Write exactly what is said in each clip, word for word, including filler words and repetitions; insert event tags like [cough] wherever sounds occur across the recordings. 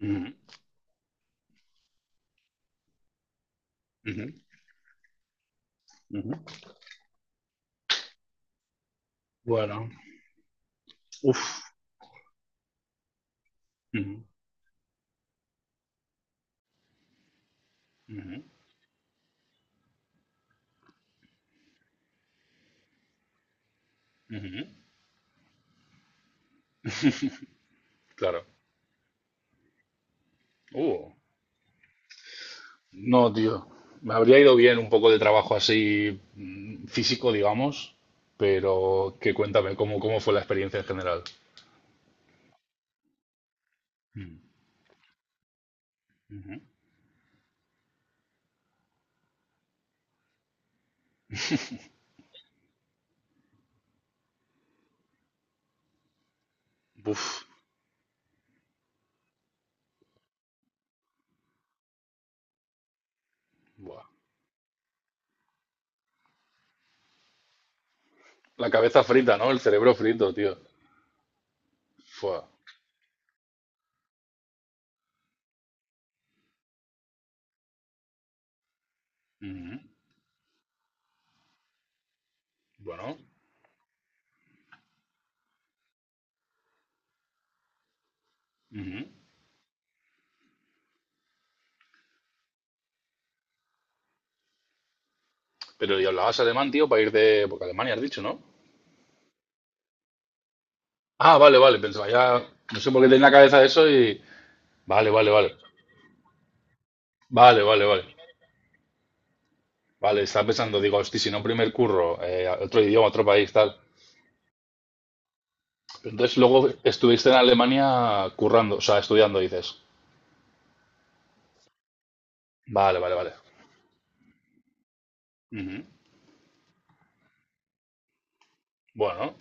Ujú, ujú, ujú. Bueno, uff. Ujú, ujú, ujú. Claro. Uh, no, tío. Me habría ido bien un poco de trabajo así mm, físico, digamos, pero que cuéntame cómo, cómo fue la experiencia en general. Mm, ujú. Uf, buah. La cabeza frita, ¿no? El cerebro frito, tío. Fua. Ujú. Bueno. Ujú. Pero y hablabas alemán, tío, para ir de... Porque Alemania has dicho, ¿no? Ah, vale, vale. Pensaba ya... No sé por qué tenía en la cabeza eso y... Vale, vale, vale. Vale, vale, vale. Vale, estaba pensando, digo, hosti, si no, primer curro, eh, otro idioma, otro país, tal. Entonces luego estuviste en Alemania currando, o sea, estudiando, dices. Vale, vale, vale. Ujú. Bueno,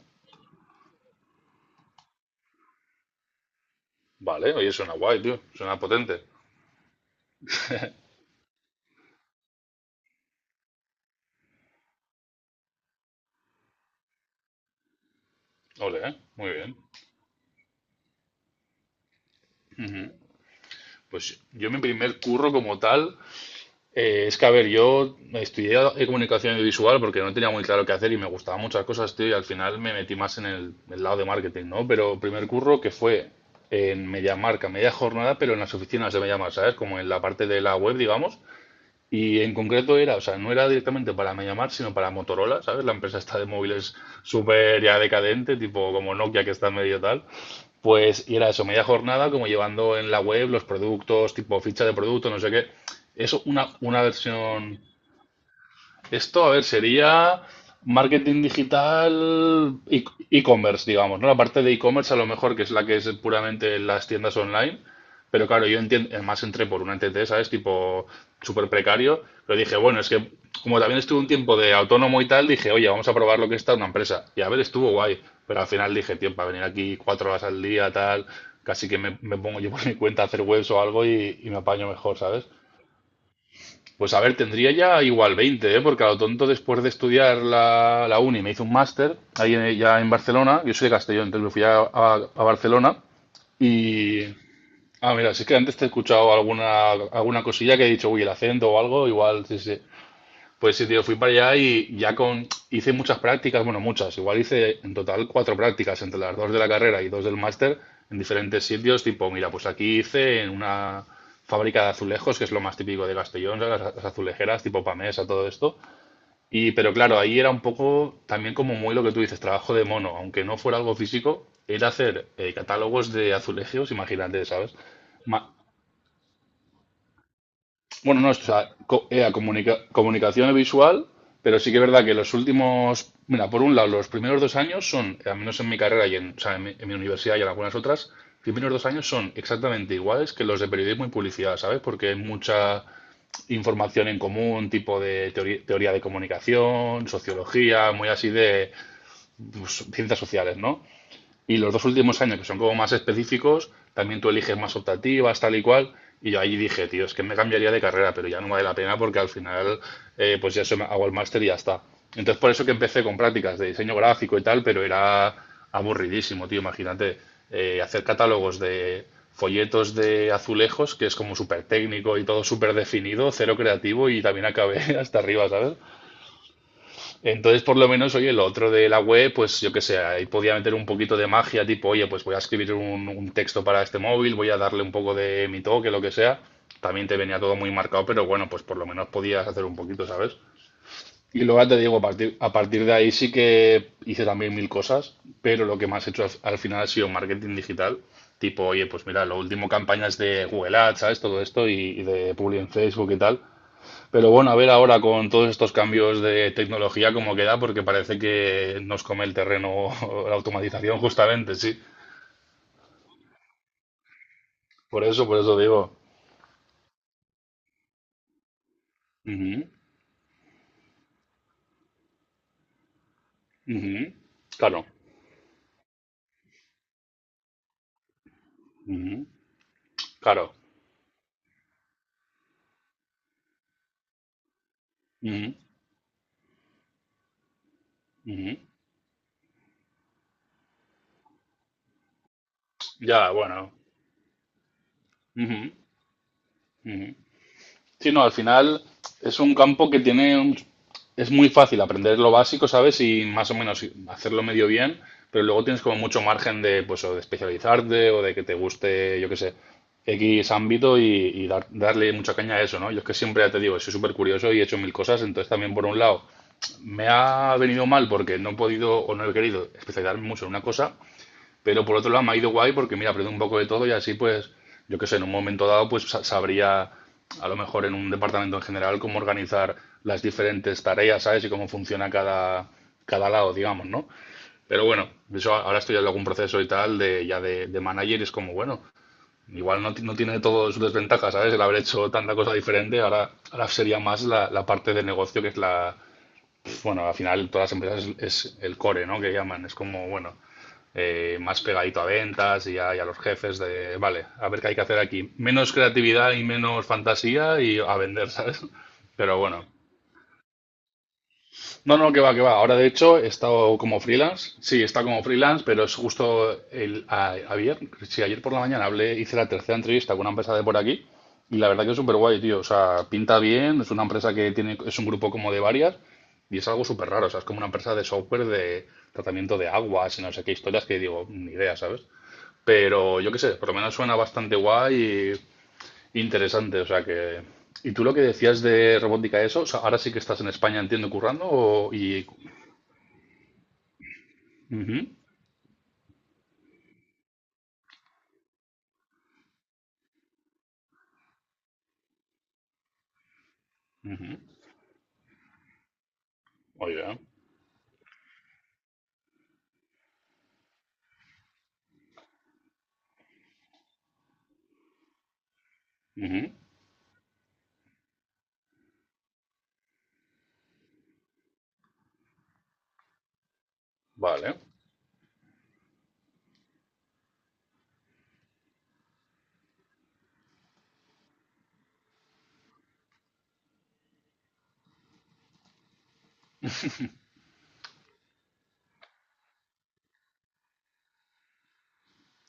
vale, oye, suena guay, tío, suena potente. Ole, ¿eh? Muy bien. Pues yo mi primer curro como tal, Eh, es que, a ver, yo estudié eh, comunicación visual porque no tenía muy claro qué hacer y me gustaban muchas cosas, tío, y al final me metí más en el, el lado de marketing, ¿no? Pero primer curro que fue en media marca, media jornada, pero en las oficinas de media marca, ¿sabes? Como en la parte de la web, digamos. Y en concreto era, o sea, no era directamente para Mediamar, sino para Motorola, ¿sabes? La empresa esta de móviles súper ya decadente, tipo como Nokia que está medio tal. Pues y era eso, media jornada, como llevando en la web los productos, tipo ficha de producto, no sé qué. Eso, una, una versión esto, a ver, sería marketing digital, e- e-commerce, digamos, ¿no? La parte de e-commerce a lo mejor que es la que es puramente las tiendas online, pero claro, yo entiendo, además entré por una N T T, ¿sabes? Tipo súper precario, pero dije, bueno, es que como también estuve un tiempo de autónomo y tal, dije, oye, vamos a probar lo que está una empresa. Y a ver, estuvo guay, pero al final dije, tío, para venir aquí cuatro horas al día, tal, casi que me, me pongo yo por mi cuenta a hacer webs o algo y, y me apaño mejor, ¿sabes? Pues a ver, tendría ya igual veinte, ¿eh? Porque a lo tonto después de estudiar la, la uni me hice un máster ahí en- ya en Barcelona. Yo soy de Castellón, entonces me fui a, a- a Barcelona y... Ah, mira, sí que antes te he escuchado alguna, alguna cosilla que he dicho, uy, el acento o algo, igual, sí, sí. Pues sí, tío, fui para allá y ya con hice muchas prácticas, bueno, muchas, igual hice en total cuatro prácticas entre las dos de la carrera y dos del máster en diferentes sitios, tipo, mira, pues aquí hice en una fábrica de azulejos, que es lo más típico de Castellón, ¿sabes? las, las azulejeras, tipo Pamesa, todo esto. Y pero claro, ahí era un poco también como muy lo que tú dices, trabajo de mono, aunque no fuera algo físico, era hacer eh, catálogos de azulejos, imagínate, ¿sabes? Ma- bueno, no, o sea, co- era comunica- comunicación visual, pero sí que es verdad que los últimos, mira, por un lado, los primeros dos años son, al menos en mi carrera y en, o sea, en mi, en mi universidad y en algunas otras, los primeros dos años son exactamente iguales que los de periodismo y publicidad, ¿sabes? Porque hay mucha información en común, tipo de teori- teoría de comunicación, sociología, muy así de pues, ciencias sociales, ¿no? Y los dos últimos años, que son como más específicos, también tú eliges más optativas, tal y cual. Y yo ahí dije, tío, es que me cambiaría de carrera, pero ya no vale la pena porque al final, eh, pues ya eso, hago el máster y ya está. Entonces, por eso que empecé con prácticas de diseño gráfico y tal, pero era aburridísimo, tío. Imagínate eh, hacer catálogos de folletos de azulejos, que es como súper técnico y todo súper definido, cero creativo y también acabé [laughs] hasta arriba, ¿sabes? Entonces, por lo menos, oye, lo otro de la web, pues yo qué sé, ahí podía meter un poquito de magia, tipo, oye, pues voy a escribir un, un texto para este móvil, voy a darle un poco de mi toque, lo que sea. También te venía todo muy marcado, pero bueno, pues por lo menos podías hacer un poquito, ¿sabes? Y luego ya te digo, a partir, a partir de ahí sí que hice también mil cosas, pero lo que más he hecho al, al final ha sido marketing digital, tipo, oye, pues mira, lo último campañas de Google Ads, ¿sabes? Todo esto y, y de Publi en Facebook y tal. Pero bueno, a ver ahora con todos estos cambios de tecnología cómo queda, porque parece que nos come el terreno [laughs] la automatización justamente, sí. Por eso, por eso digo. Ujú, ujú. Claro. Ujú, claro. Ujú, ujú. Ya, bueno. Ujú. Sí, no, al final es un campo que tiene un- es muy fácil aprender lo básico, ¿sabes? Y más o menos hacerlo medio bien, pero luego tienes como mucho margen de, pues, o de especializarte o de que te guste, yo qué sé, X ámbito y, y dar- darle mucha caña a eso, ¿no? Yo es que siempre, ya te digo, soy súper curioso y he hecho mil cosas, entonces también por un lado me ha venido mal porque no he podido o no he querido especializarme mucho en una cosa, pero por otro lado me ha ido guay porque, mira, aprendo un poco de todo y así, pues, yo qué sé, en un momento dado, pues sa- sabría, a lo mejor en un departamento en general, cómo organizar las diferentes tareas, ¿sabes? Y cómo funciona cada, cada lado, digamos, ¿no? Pero bueno, eso a- ahora estoy en algún proceso y tal de ya de, de manager y es como, bueno, igual no, ti- no tiene todo sus desventajas, ¿sabes? El haber hecho tanta cosa diferente, ahora, ahora sería más la, la parte de negocio que es la, bueno, al final todas las empresas es, es el core, ¿no? Que llaman, es como, bueno, eh, más pegadito a ventas y a, y a los jefes de, vale, a ver qué hay que hacer aquí. Menos creatividad y menos fantasía y a vender, [laughs] ¿sabes? Pero bueno. No, no, que va, que va. Ahora, de hecho, he estado como freelance. Sí, está como freelance, pero es justo el, a- ayer, sí, ayer por la mañana hablé, hice la tercera entrevista con una empresa de por aquí y la verdad que es súper guay, tío. O sea, pinta bien, es una empresa que tiene, es un grupo como de varias y es algo súper raro. O sea, es como una empresa de software de tratamiento de aguas y no sé qué historias que digo, ni idea, ¿sabes? Pero yo qué sé, por lo menos suena bastante guay y interesante. O sea que. ¿Y tú lo que decías de robótica, eso? O sea, ahora sí que estás en España, entiendo, currando o- y. Ujú, ujú. Muy bien. Ujú. Vale.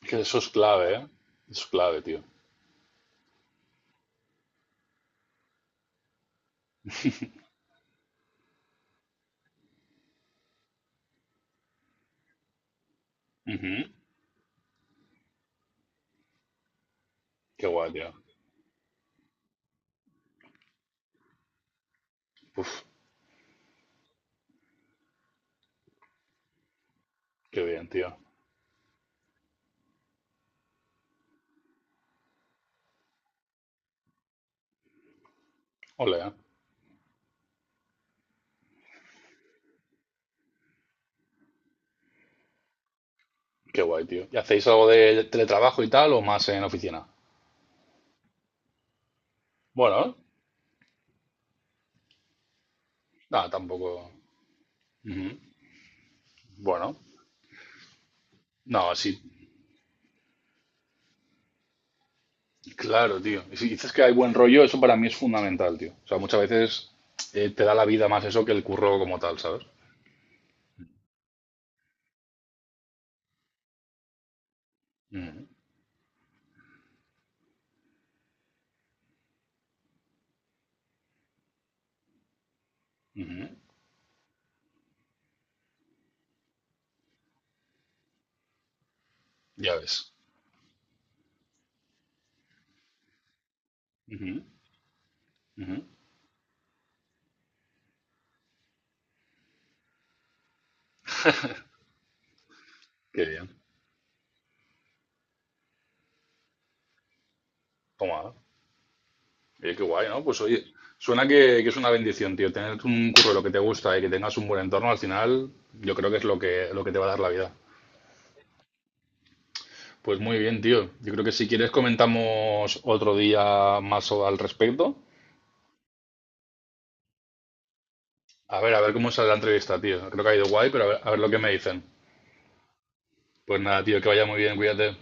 Que eso es clave, ¿eh? Eso es clave, tío. Ujú. Qué guay, tío. Uf, qué bien, tío. Ole, ¿eh? Qué guay, tío. ¿Y hacéis algo de teletrabajo y tal o más en oficina? Bueno, nada, tampoco. Ujú. Bueno, no, sí. Claro, tío. Y si dices que hay buen rollo, eso para mí es fundamental, tío. O sea, muchas veces eh, te da la vida más eso que el curro como tal, ¿sabes? Ujú, ujú. Ya ves. Ujú, ujú. Qué bien. Toma. Oye, qué guay, ¿no? Pues oye, suena que, que es una bendición, tío. Tener un curro de lo que te gusta y que tengas un buen entorno, al final, yo creo que es lo que, lo que te va a dar la vida. Pues muy bien, tío. Yo creo que si quieres comentamos otro día más o- al respecto. A ver, a ver cómo sale la entrevista, tío. Creo que ha ido guay, pero a ver, a ver lo que me dicen. Pues nada, tío, que vaya muy bien, cuídate.